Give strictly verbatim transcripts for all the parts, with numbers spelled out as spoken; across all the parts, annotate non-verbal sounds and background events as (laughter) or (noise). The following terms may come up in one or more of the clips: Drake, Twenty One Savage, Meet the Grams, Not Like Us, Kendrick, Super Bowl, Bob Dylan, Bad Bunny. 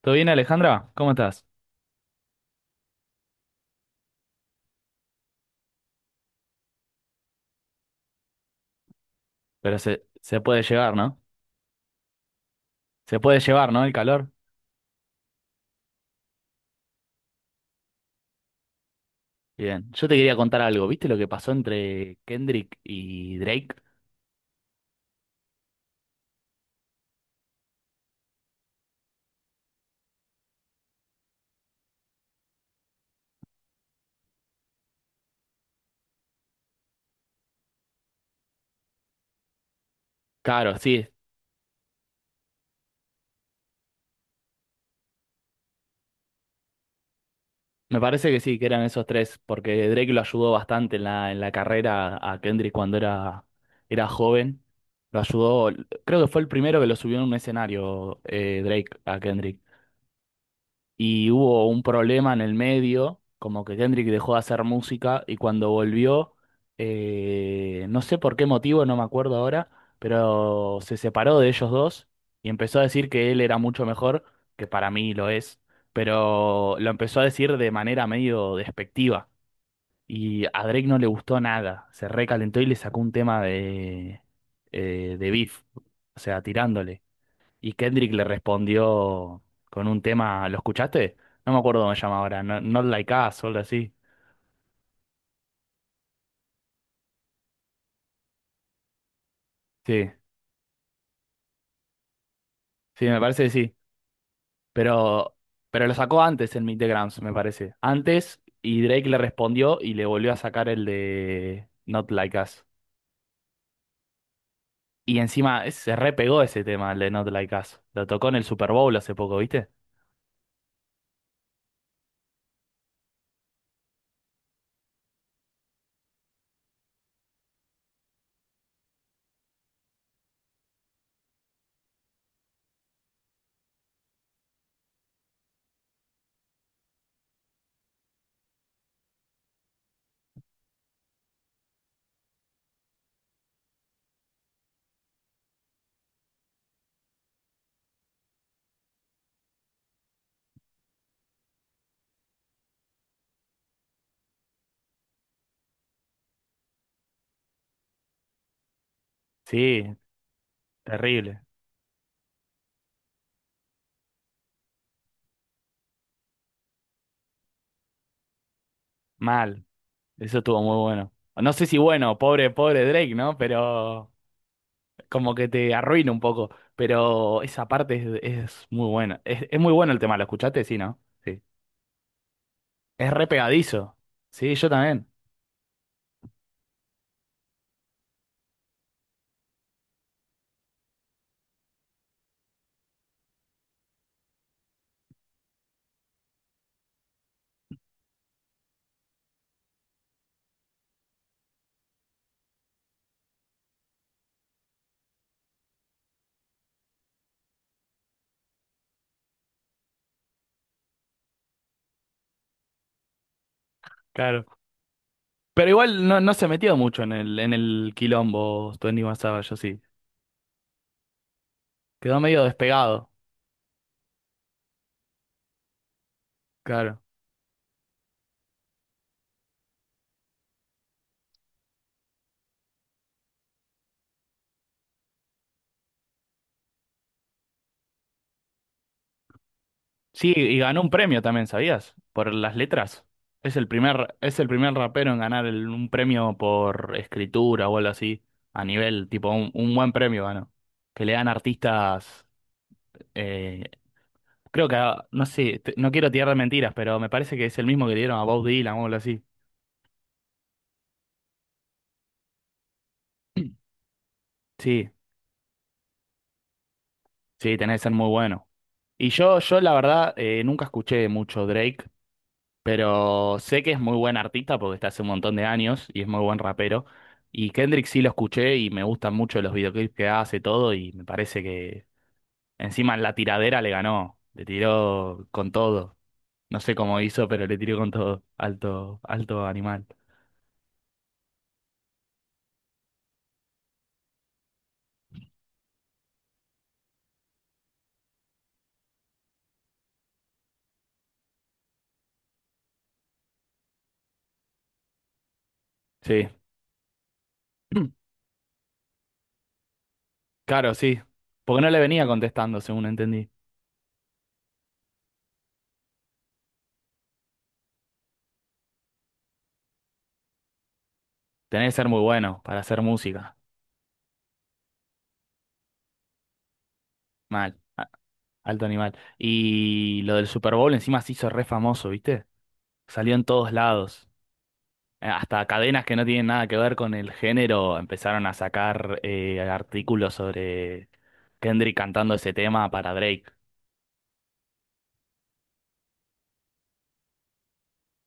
¿Todo bien, Alejandra? ¿Cómo estás? Pero se, se puede llevar, ¿no? Se puede llevar, ¿no? El calor. Bien. Yo te quería contar algo. ¿Viste lo que pasó entre Kendrick y Drake? Claro, sí. Me parece que sí, que eran esos tres, porque Drake lo ayudó bastante en la, en la carrera a Kendrick cuando era, era joven. Lo ayudó, creo que fue el primero que lo subió en un escenario, eh, Drake a Kendrick. Y hubo un problema en el medio, como que Kendrick dejó de hacer música y cuando volvió, eh, no sé por qué motivo, no me acuerdo ahora, pero se separó de ellos dos y empezó a decir que él era mucho mejor, que para mí lo es, pero lo empezó a decir de manera medio despectiva. Y a Drake no le gustó nada, se recalentó y le sacó un tema de, eh, de beef, o sea, tirándole. Y Kendrick le respondió con un tema, ¿lo escuchaste? No me acuerdo cómo se llama ahora, no- Not Like Us o algo así. Sí, sí, me parece que sí. Pero, pero lo sacó antes en Meet the Grams, me parece. Antes, y Drake le respondió y le volvió a sacar el de Not Like Us. Y encima es- se repegó ese tema, el de Not Like Us. Lo tocó en el Super Bowl hace poco, ¿viste? Sí, terrible. Mal. Eso estuvo muy bueno. No sé si bueno, pobre, pobre Drake, ¿no? Pero como que te arruina un poco, pero esa parte es, es muy buena. Es, es muy bueno el tema, ¿lo escuchaste? Sí, ¿no? Sí. Es re pegadizo. Sí, yo también, claro. Pero igual no, no se metió mucho en el, en el quilombo Twenty One Savage, yo sí. Quedó medio despegado, claro. Sí, y ganó un premio también, ¿sabías? Por las letras. Es el primer, es el primer rapero en ganar el- un premio por escritura o algo así, a nivel, tipo, un, un buen premio ganó. Que le dan artistas, eh, creo que, ah, no sé, te- no quiero tirar de mentiras, pero me parece que es el mismo que le dieron a Bob Dylan o algo así. (clears throat) Sí, sí, tenés que ser muy bueno. Y yo, yo la verdad, eh, nunca escuché mucho Drake, pero sé que es muy buen artista porque está hace un montón de años y es muy buen rapero. Y Kendrick sí lo escuché y me gustan mucho los videoclips que hace todo y me parece que encima en la tiradera le ganó, le tiró con todo. No sé cómo hizo, pero le tiró con todo. Alto, alto animal. Sí. (clears throat) Claro, sí. Porque no le venía contestando, según entendí. Tenés que ser muy bueno para hacer música. Mal. A- Alto animal. Y lo del Super Bowl encima se hizo re famoso, ¿viste? Salió en todos lados. Eh, Hasta cadenas que no tienen nada que ver con el género empezaron a sacar eh, artículos sobre Kendrick cantando ese tema para Drake.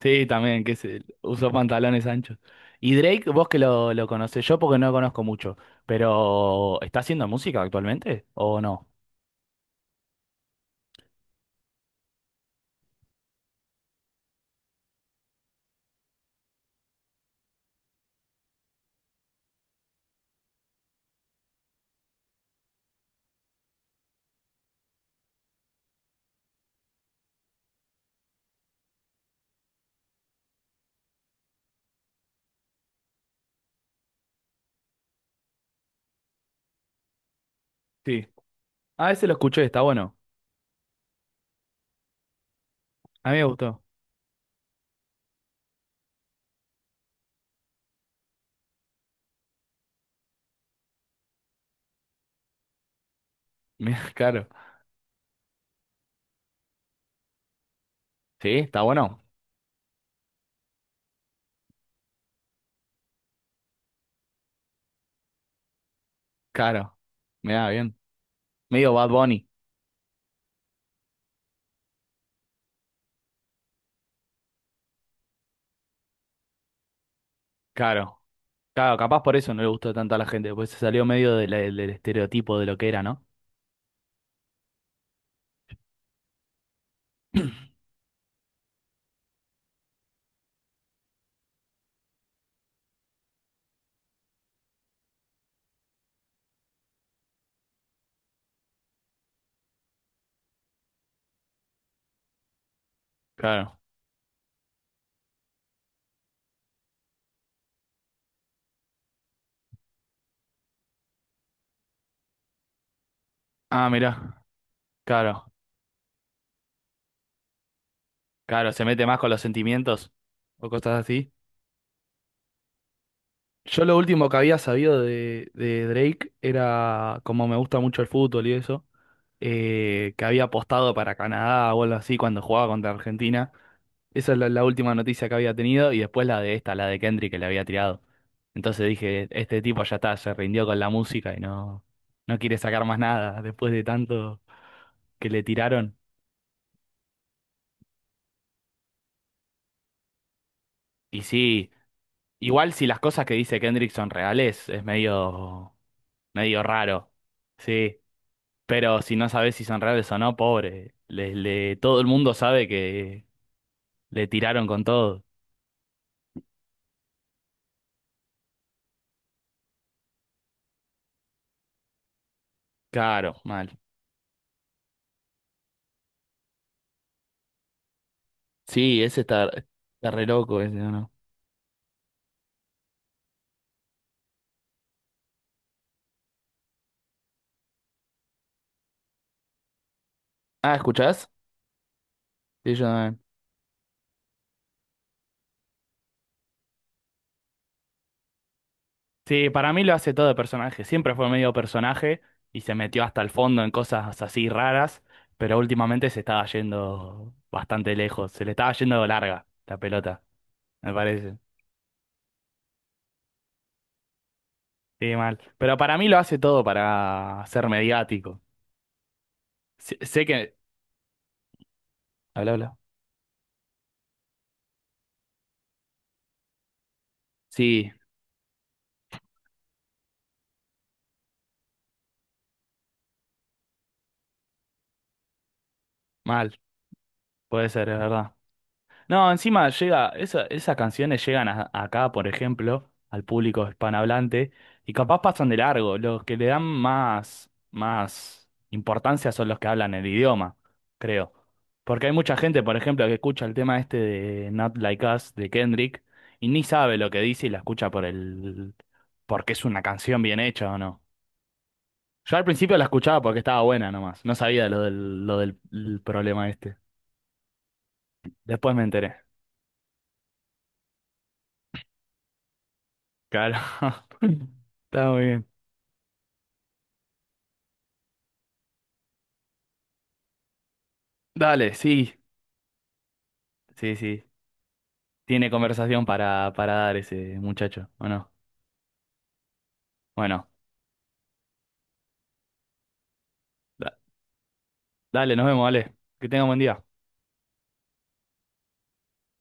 Sí, también, que se usó pantalones anchos. Y Drake, vos que lo, lo conocés, yo porque no lo conozco mucho, pero ¿está haciendo música actualmente o no? Sí. Ah, ese lo escuché, está bueno. A mí me gustó. Mira, (laughs) claro. Sí, está bueno. Claro. Mira, bien. Medio Bad Bunny. Claro. Claro, capaz por eso no le gustó tanto a la gente, pues se salió medio de la- del estereotipo de lo que era, ¿no? Claro. Ah, mira. Claro. Claro, se mete más con los sentimientos o cosas así. Yo lo último que había sabido de, de Drake era, como me gusta mucho el fútbol y eso, eh, que había apostado para Canadá o algo así cuando jugaba contra Argentina. Esa es la, la última noticia que había tenido y después la de esta, la de Kendrick que le había tirado. Entonces dije, este tipo ya está, se rindió con la música y no, no quiere sacar más nada después de tanto que le tiraron. Y sí, igual si las cosas que dice Kendrick son reales, es medio, medio raro. Sí, pero si no sabes si son reales o no, pobre. Le, le- todo el mundo sabe que le tiraron con todo. Claro, mal. Sí, ese está, está re loco ese, ¿o no? Ah, ¿escuchás? Sí, yo también. Sí, para mí lo hace todo de personaje. Siempre fue medio personaje y se metió hasta el fondo en cosas así raras, pero últimamente se estaba yendo bastante lejos. Se le estaba yendo larga la pelota, me parece. Sí, mal. Pero para mí lo hace todo para ser mediático. Sé, sé que... Habla, habla. Sí, mal. Puede ser, es verdad. No, encima llega, esa- esas canciones llegan a- acá, por ejemplo, al público hispanohablante, y capaz pasan de largo. Los que le dan más, más importancia son los que hablan el idioma, creo. Porque hay mucha gente, por ejemplo, que escucha el tema este de Not Like Us de Kendrick y ni sabe lo que dice y la escucha por el, porque es una canción bien hecha o no. Yo al principio la escuchaba porque estaba buena nomás, no sabía lo del, lo del el problema este. Después me enteré. Claro. (laughs) Está muy bien. Dale, sí, sí, sí. Tiene conversación para, para dar ese muchacho, ¿o no? Bueno, da- dale, nos vemos, dale. Que tenga un buen día.